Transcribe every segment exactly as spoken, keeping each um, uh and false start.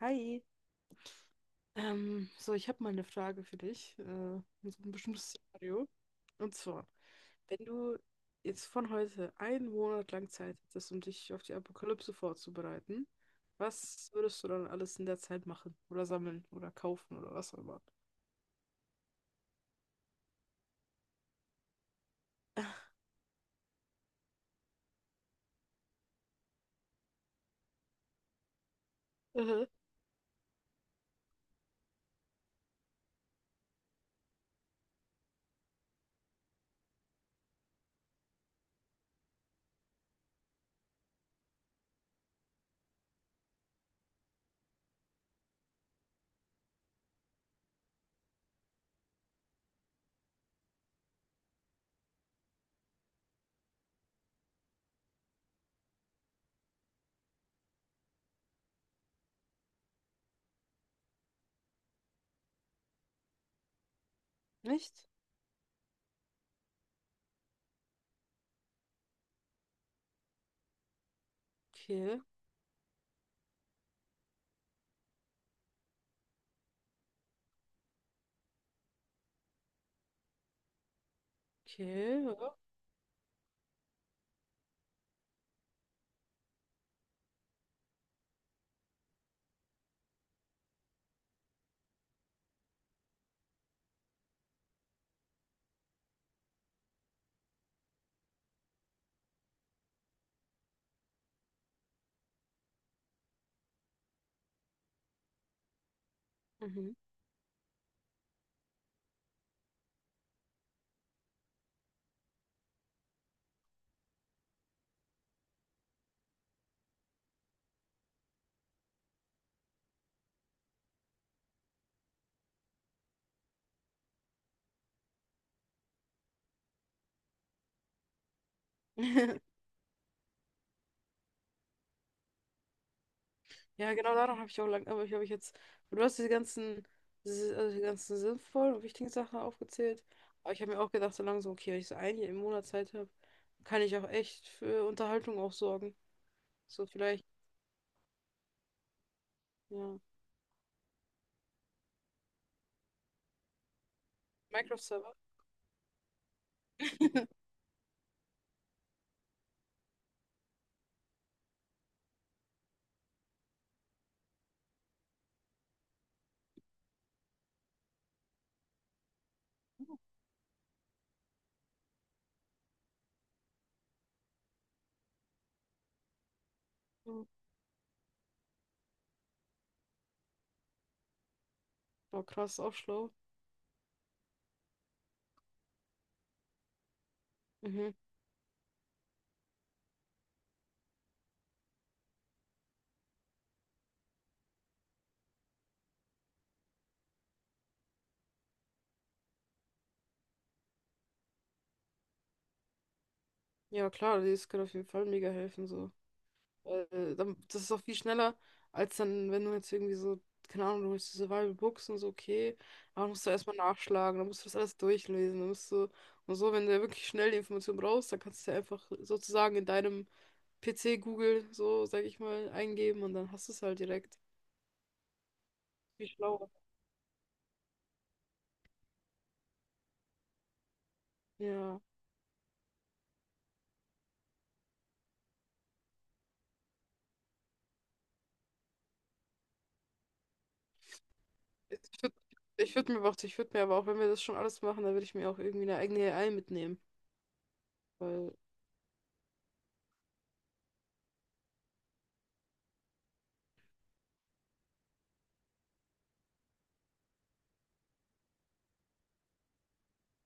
Hi. Ähm, so, ich habe mal eine Frage für dich, äh, in so ein bestimmtes Szenario. Und zwar, wenn du jetzt von heute einen Monat lang Zeit hättest, um dich auf die Apokalypse vorzubereiten, was würdest du dann alles in der Zeit machen? Oder sammeln oder kaufen oder was auch immer? Mhm. Nicht? Okay, okay, ja. Mhm. Ja, genau daran habe ich auch lang, aber ich habe ich jetzt, du hast diese ganzen, diese- also die ganzen sinnvollen und wichtigen Sachen aufgezählt. Aber ich habe mir auch gedacht, so langsam, okay, wenn ich so ein Jahr im Monat Zeit habe, kann ich auch echt für Unterhaltung auch sorgen. So vielleicht, ja. Minecraft-Server. Mhm. Oh, krass, auch schlau. Mhm. Ja, klar, das kann auf jeden Fall mega helfen, so. Äh, dann- das ist auch viel schneller, als dann, wenn du jetzt irgendwie so, keine Ahnung, du holst die Survival Books und so, okay, aber musst du erstmal nachschlagen, dann musst du das alles durchlesen, dann musst du, und so, wenn du ja wirklich schnell die Information brauchst, dann kannst du ja einfach sozusagen in deinem P C Google, so, sag ich mal, eingeben und dann hast du es halt direkt. Viel schlauer. Ja. Ich würde ich würd mir aber auch, ich würde mir aber auch, wenn wir das schon alles machen, dann würde ich mir auch irgendwie eine eigene A I mitnehmen, weil,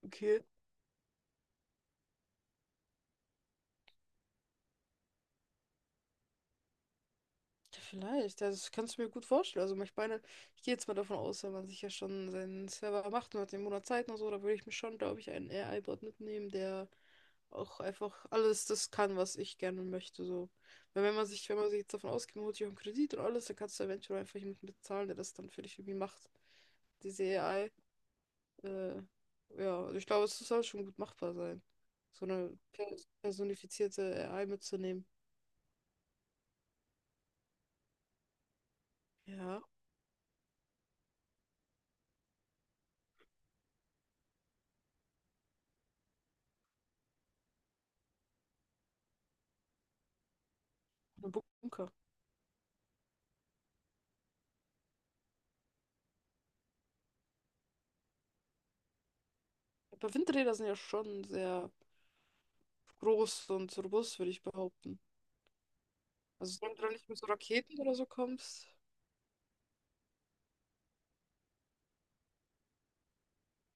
okay. Ja, vielleicht, ja, das kannst du mir gut vorstellen. Also ich meine, ich gehe jetzt mal davon aus, wenn man sich ja schon seinen Server macht und hat den Monat Zeit und so, da würde ich mir schon, glaube ich, einen A I-Bot mitnehmen, der auch einfach alles das kann, was ich gerne möchte. So. Weil wenn man sich, wenn man sich jetzt davon ausgeht, man holt sich auch einen Kredit und alles, dann kannst du eventuell einfach jemanden bezahlen, der das dann für dich irgendwie macht. Diese A I. Äh, ja, also ich glaube, es soll schon gut machbar sein. So eine pers- personifizierte A I mitzunehmen. Ja, eine Bunker. Aber Windräder sind ja schon sehr groß und robust, würde ich behaupten. Also solange du da nicht mit so Raketen oder so kommst,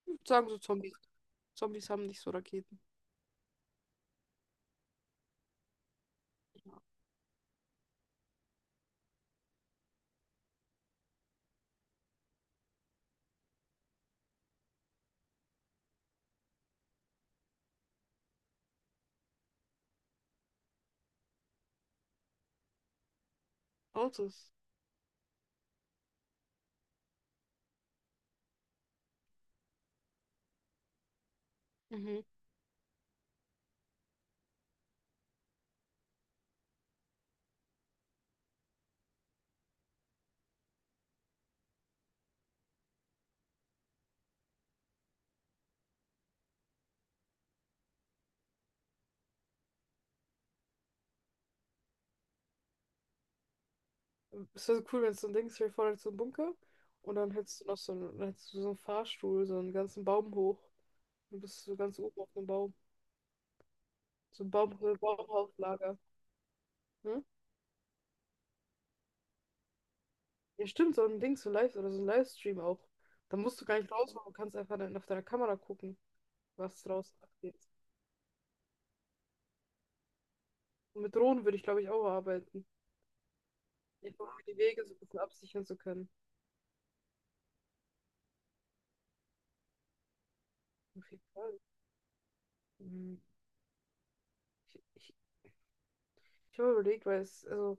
ich würd sagen so Zombies. Zombies haben nicht so Raketen. Ja. Autos. Mhm. Es wäre so cool, wenn es so ein Ding ist, stell dir vor, da ist so ein Bunker und dann hättest du noch so einen, dann hättest du so einen Fahrstuhl, so einen ganzen Baum hoch. Du bist du so ganz oben auf dem Baum. So ein Baum, so ein Baumhauslager. Ne? Ja, stimmt, so ein Ding, so ein Live oder so ein Livestream auch. Da musst du gar nicht raus, du kannst einfach dann auf deiner Kamera gucken, was draußen abgeht. Und mit Drohnen würde ich, glaube ich, auch arbeiten. Einfach um die Wege so ein bisschen absichern zu können. Auf jeden Fall. Mhm. Ich, ich, Ich habe überlegt, weil es, also,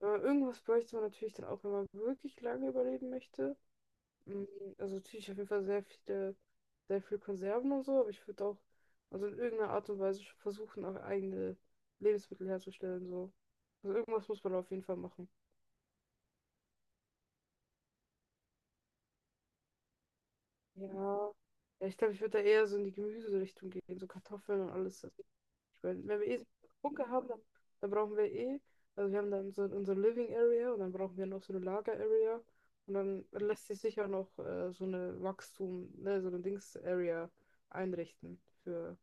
äh, irgendwas bräuchte man natürlich dann auch, wenn man wirklich lange überleben möchte. Mhm. Also natürlich auf jeden Fall sehr viele, sehr viel Konserven und so, aber ich würde auch, also in irgendeiner Art und Weise schon versuchen, auch eigene Lebensmittel herzustellen, so. Also irgendwas muss man auf jeden Fall machen. Ja. Ja, ich glaube, ich würde da eher so in die Gemüserichtung gehen, so Kartoffeln und alles. Also, ich mein, wenn wir eh so einen Bunker haben, dann, dann brauchen wir eh, also wir haben dann so unsere Living Area und dann brauchen wir noch so eine Lager Area und dann lässt sich sicher noch äh, so eine Wachstum, ne, so eine Dings Area einrichten für,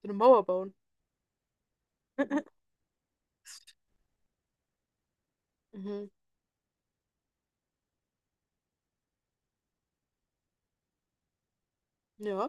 für eine Mauer bauen. Mhm. Ja.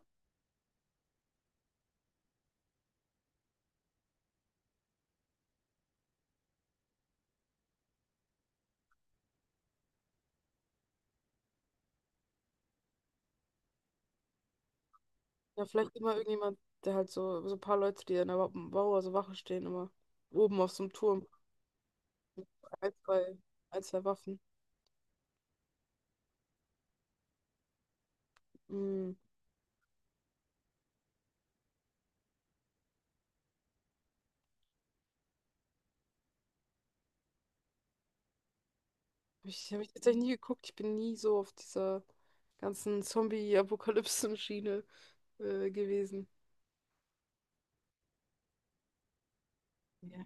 Ja, vielleicht immer irgendjemand, der halt so, so ein paar Leute, die an der Wa- Mauer so Wache stehen, immer oben auf so einem Turm, ein, zwei, ein, zwei Waffen. Ich habe ich tatsächlich nie geguckt. Ich bin nie so auf dieser ganzen Zombie-Apokalypsen-Schiene äh, gewesen. Ja,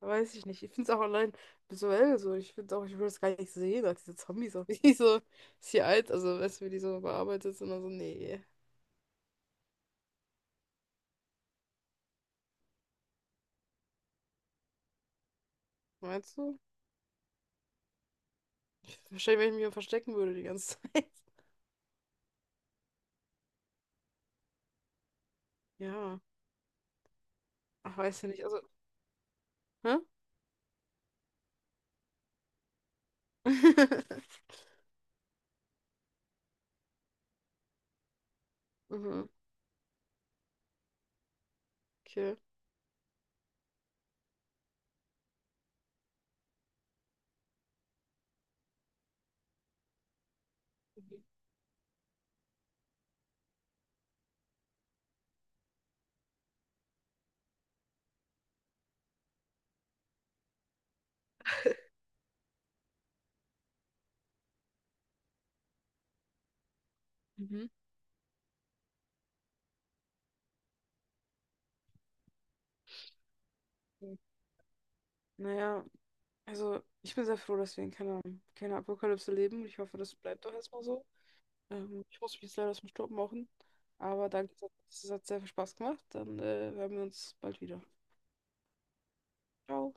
weiß ich nicht. Ich finde es auch allein visuell so. Ich finde auch, ich würde es gar nicht sehen, als diese Zombies auch wie so ist hier alt, also weißt du, wie die so bearbeitet sind. Also, nee. Meinst du? Ich, wahrscheinlich, wenn ich mich hier verstecken würde die ganze Zeit. Ja. Ach, weiß ja nicht. Also, hä? Mhm, okay. Mhm. Mhm. Naja. Also, ich bin sehr froh, dass wir in keiner, keiner Apokalypse leben. Ich hoffe, das bleibt doch erstmal so. Ähm, ich muss mich jetzt leider aus dem Staub machen. Aber danke, es hat es hat sehr viel Spaß gemacht. Dann äh, hören wir uns bald wieder. Ciao.